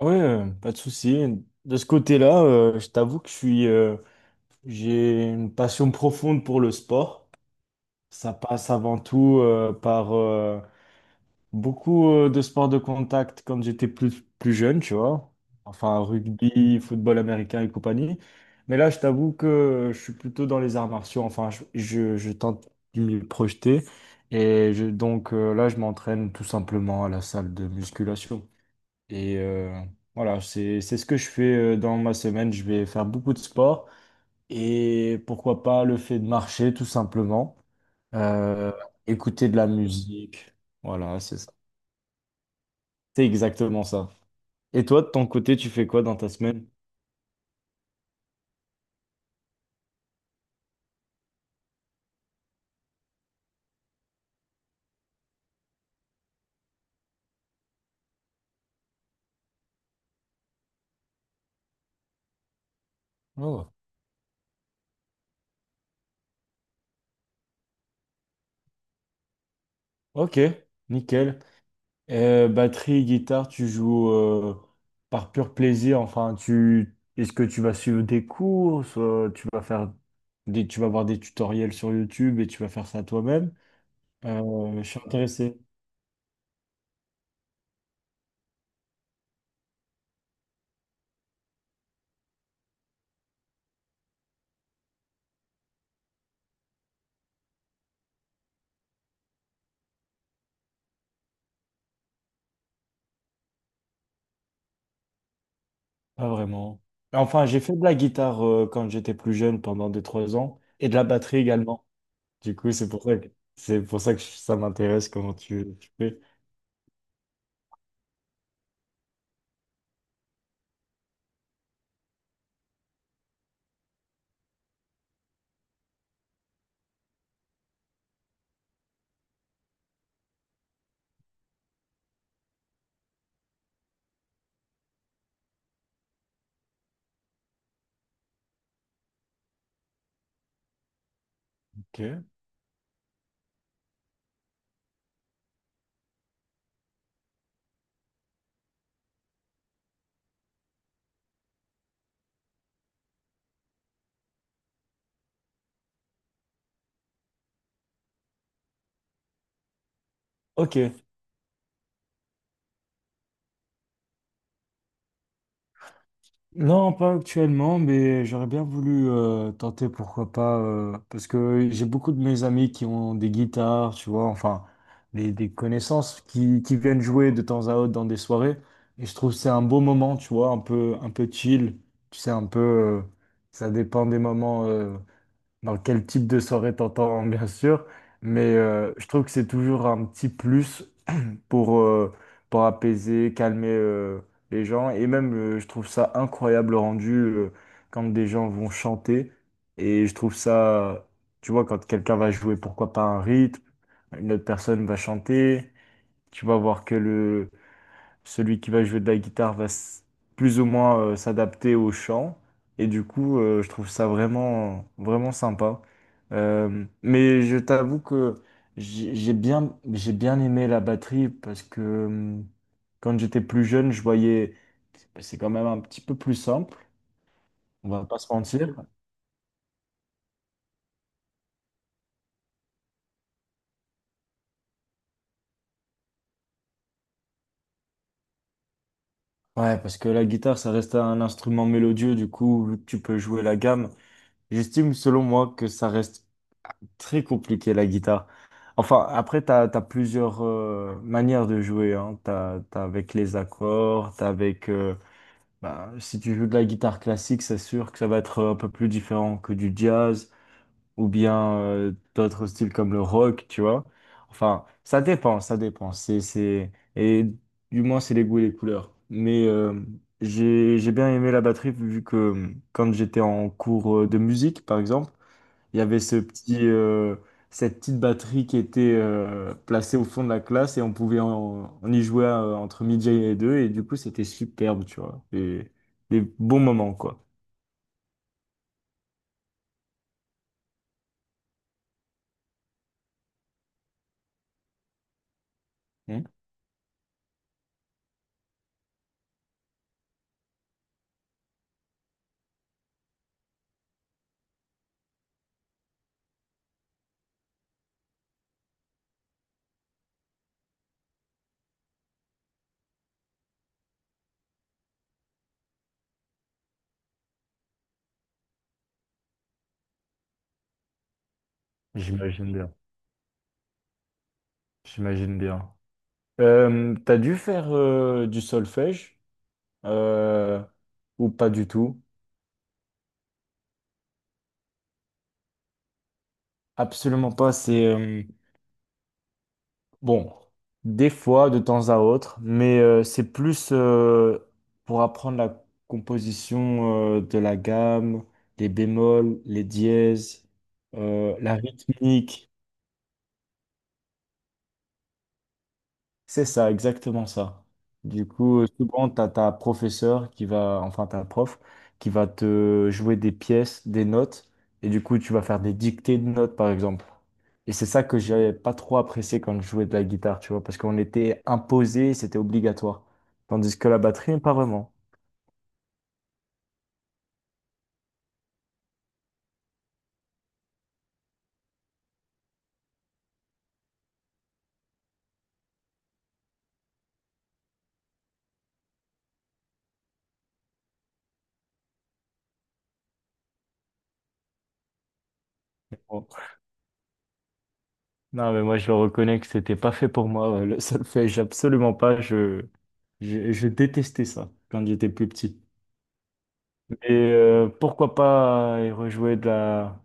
Ouais, pas de souci. De ce côté-là, je t'avoue que j'ai une passion profonde pour le sport. Ça passe avant tout par beaucoup de sports de contact quand j'étais plus jeune, tu vois. Enfin, rugby, football américain et compagnie. Mais là, je t'avoue que je suis plutôt dans les arts martiaux. Enfin, je tente de m'y projeter. Là, je m'entraîne tout simplement à la salle de musculation. Et euh, voilà, c'est ce que je fais dans ma semaine. Je vais faire beaucoup de sport et pourquoi pas le fait de marcher tout simplement, Euh, écouter de la musique. Voilà, c'est ça. C'est exactement ça. Et toi, de ton côté, tu fais quoi dans ta semaine? Oh, ok, nickel. Batterie, guitare, tu joues par pur plaisir. Enfin, tu est-ce que tu vas suivre des cours, soit tu vas faire tu vas voir des tutoriels sur YouTube et tu vas faire ça toi-même? Je suis intéressé, pas vraiment. Enfin, j'ai fait de la guitare quand j'étais plus jeune, pendant deux trois ans, et de la batterie également. Du coup, c'est pour ça que, c'est pour ça que ça m'intéresse comment tu fais. Ok. Ok. Non, pas actuellement, mais j'aurais bien voulu tenter, pourquoi pas, parce que j'ai beaucoup de mes amis qui ont des guitares, tu vois, enfin, des connaissances qui viennent jouer de temps à autre dans des soirées, et je trouve que c'est un beau moment, tu vois, un peu chill, tu sais, ça dépend des moments, dans quel type de soirée t'entends, bien sûr, mais je trouve que c'est toujours un petit plus pour, euh, pour apaiser, calmer les gens. Et même, je trouve ça incroyable le rendu quand des gens vont chanter. Et je trouve ça, tu vois, quand quelqu'un va jouer, pourquoi pas un rythme, une autre personne va chanter, tu vas voir que celui qui va jouer de la guitare plus ou moins s'adapter au chant. Et du coup, je trouve ça vraiment sympa. Mais je t'avoue que j'ai bien aimé la batterie parce que hum, quand j'étais plus jeune, je voyais, c'est quand même un petit peu plus simple, on va pas se mentir. Ouais, parce que la guitare, ça reste un instrument mélodieux, du coup, tu peux jouer la gamme. J'estime, selon moi, que ça reste très compliqué, la guitare. Enfin, après, tu as plusieurs manières de jouer. Hein. T'as avec les accords, t'as avec... bah, si tu joues de la guitare classique, c'est sûr que ça va être un peu plus différent que du jazz ou bien d'autres styles comme le rock, tu vois. Enfin, ça dépend. Et du moins, c'est les goûts et les couleurs. Mais j'ai bien aimé la batterie vu que quand j'étais en cours de musique, par exemple, il y avait cette petite batterie qui était placée au fond de la classe et on y jouer entre midi et deux et du coup c'était superbe, tu vois. Et des bons moments quoi. Hmm. J'imagine bien. J'imagine bien. T'as dû faire du solfège euh, ou pas du tout? Absolument pas. Bon, des fois, de temps à autre, mais c'est plus pour apprendre la composition de la gamme, les bémols, les dièses, la rythmique. C'est ça, exactement ça. Du coup, souvent, tu as ta professeur qui va, enfin, ta prof qui va te jouer des pièces, des notes, et du coup, tu vas faire des dictées de notes, par exemple. Et c'est ça que j'avais pas trop apprécié quand je jouais de la guitare, tu vois, parce qu'on était imposé, c'était obligatoire. Tandis que la batterie, pas vraiment. Bon. Non, mais moi, je le reconnais que c'était pas fait pour moi. Ouais. Le solfège, absolument pas. Je détestais ça quand j'étais plus petit. Et pourquoi pas y rejouer de la.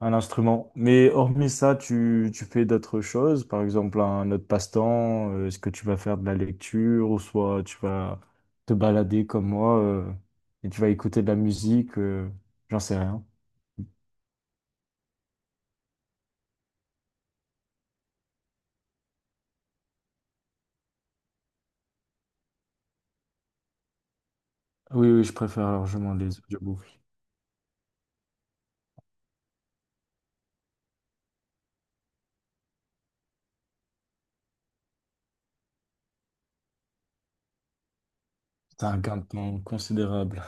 Un instrument. Mais hormis ça, tu fais d'autres choses, par exemple un autre passe-temps, est-ce que tu vas faire de la lecture ou soit tu vas te balader comme moi et tu vas écouter de la musique, j'en sais rien. Oui, je préfère largement les audiobooks. C'est un gain de temps considérable.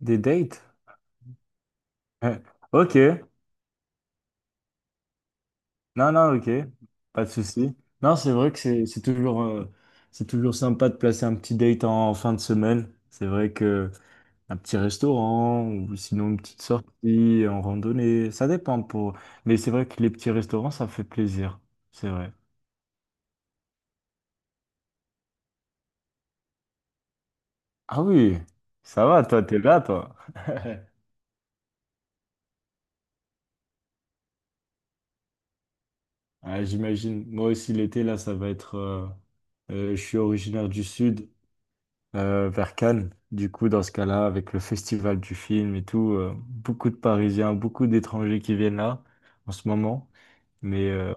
Des dates? Euh, Ok. Non, ok. Pas de souci. Non, c'est vrai que c'est toujours, c'est toujours sympa de placer un petit date en, en fin de semaine. C'est vrai que. Un petit restaurant ou sinon une petite sortie en randonnée, ça dépend pour. Mais c'est vrai que les petits restaurants, ça fait plaisir. C'est vrai. Ah oui, ça va, toi, t'es là, toi. Ah, j'imagine. Moi aussi, l'été, là, ça va être. Je suis originaire du sud, vers Cannes. Du coup, dans ce cas-là, avec le festival du film et tout, beaucoup de Parisiens, beaucoup d'étrangers qui viennent là en ce moment. Mais euh,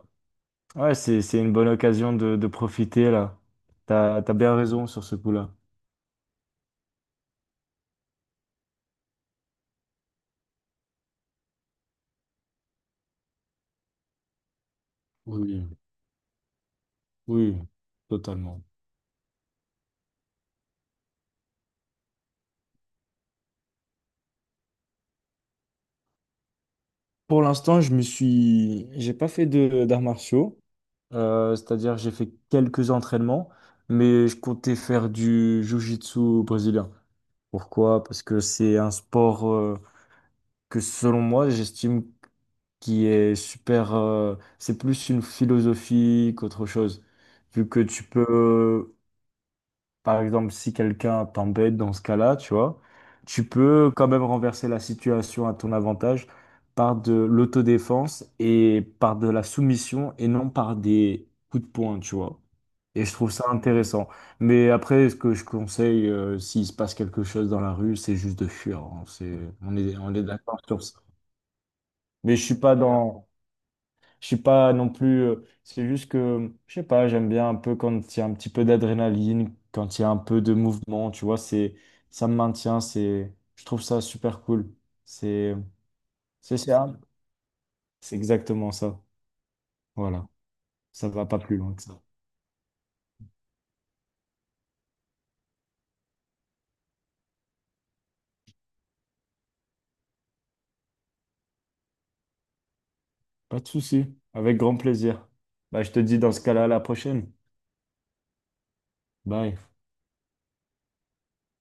Ouais, c'est une bonne occasion de profiter là. T'as bien raison sur ce coup-là. Oui, oui, totalement. Pour l'instant, j'ai pas fait de d'arts martiaux. C'est-à-dire, j'ai fait quelques entraînements, mais je comptais faire du jiu-jitsu brésilien. Pourquoi? Parce que c'est un sport que, selon moi, j'estime qui est super. C'est plus une philosophie qu'autre chose, vu que tu peux. Par exemple, si quelqu'un t'embête dans ce cas-là, tu vois, tu peux quand même renverser la situation à ton avantage par de l'autodéfense et par de la soumission et non par des coups de poing, tu vois. Et je trouve ça intéressant. Mais après, ce que je conseille, s'il se passe quelque chose dans la rue, c'est juste de fuir. Hein. C'est, on est d'accord sur ça. Mais je suis pas. Ouais. Je suis pas non plus. C'est juste que, je sais pas, j'aime bien un peu quand il y a un petit peu d'adrénaline, quand il y a un peu de mouvement, tu vois, c'est, ça me maintient, c'est, je trouve ça super cool. C'est, c'est ça. C'est exactement ça. Voilà. Ça va pas plus loin que ça. Pas de souci. Avec grand plaisir. Bah, je te dis dans ce cas-là, à la prochaine. Bye.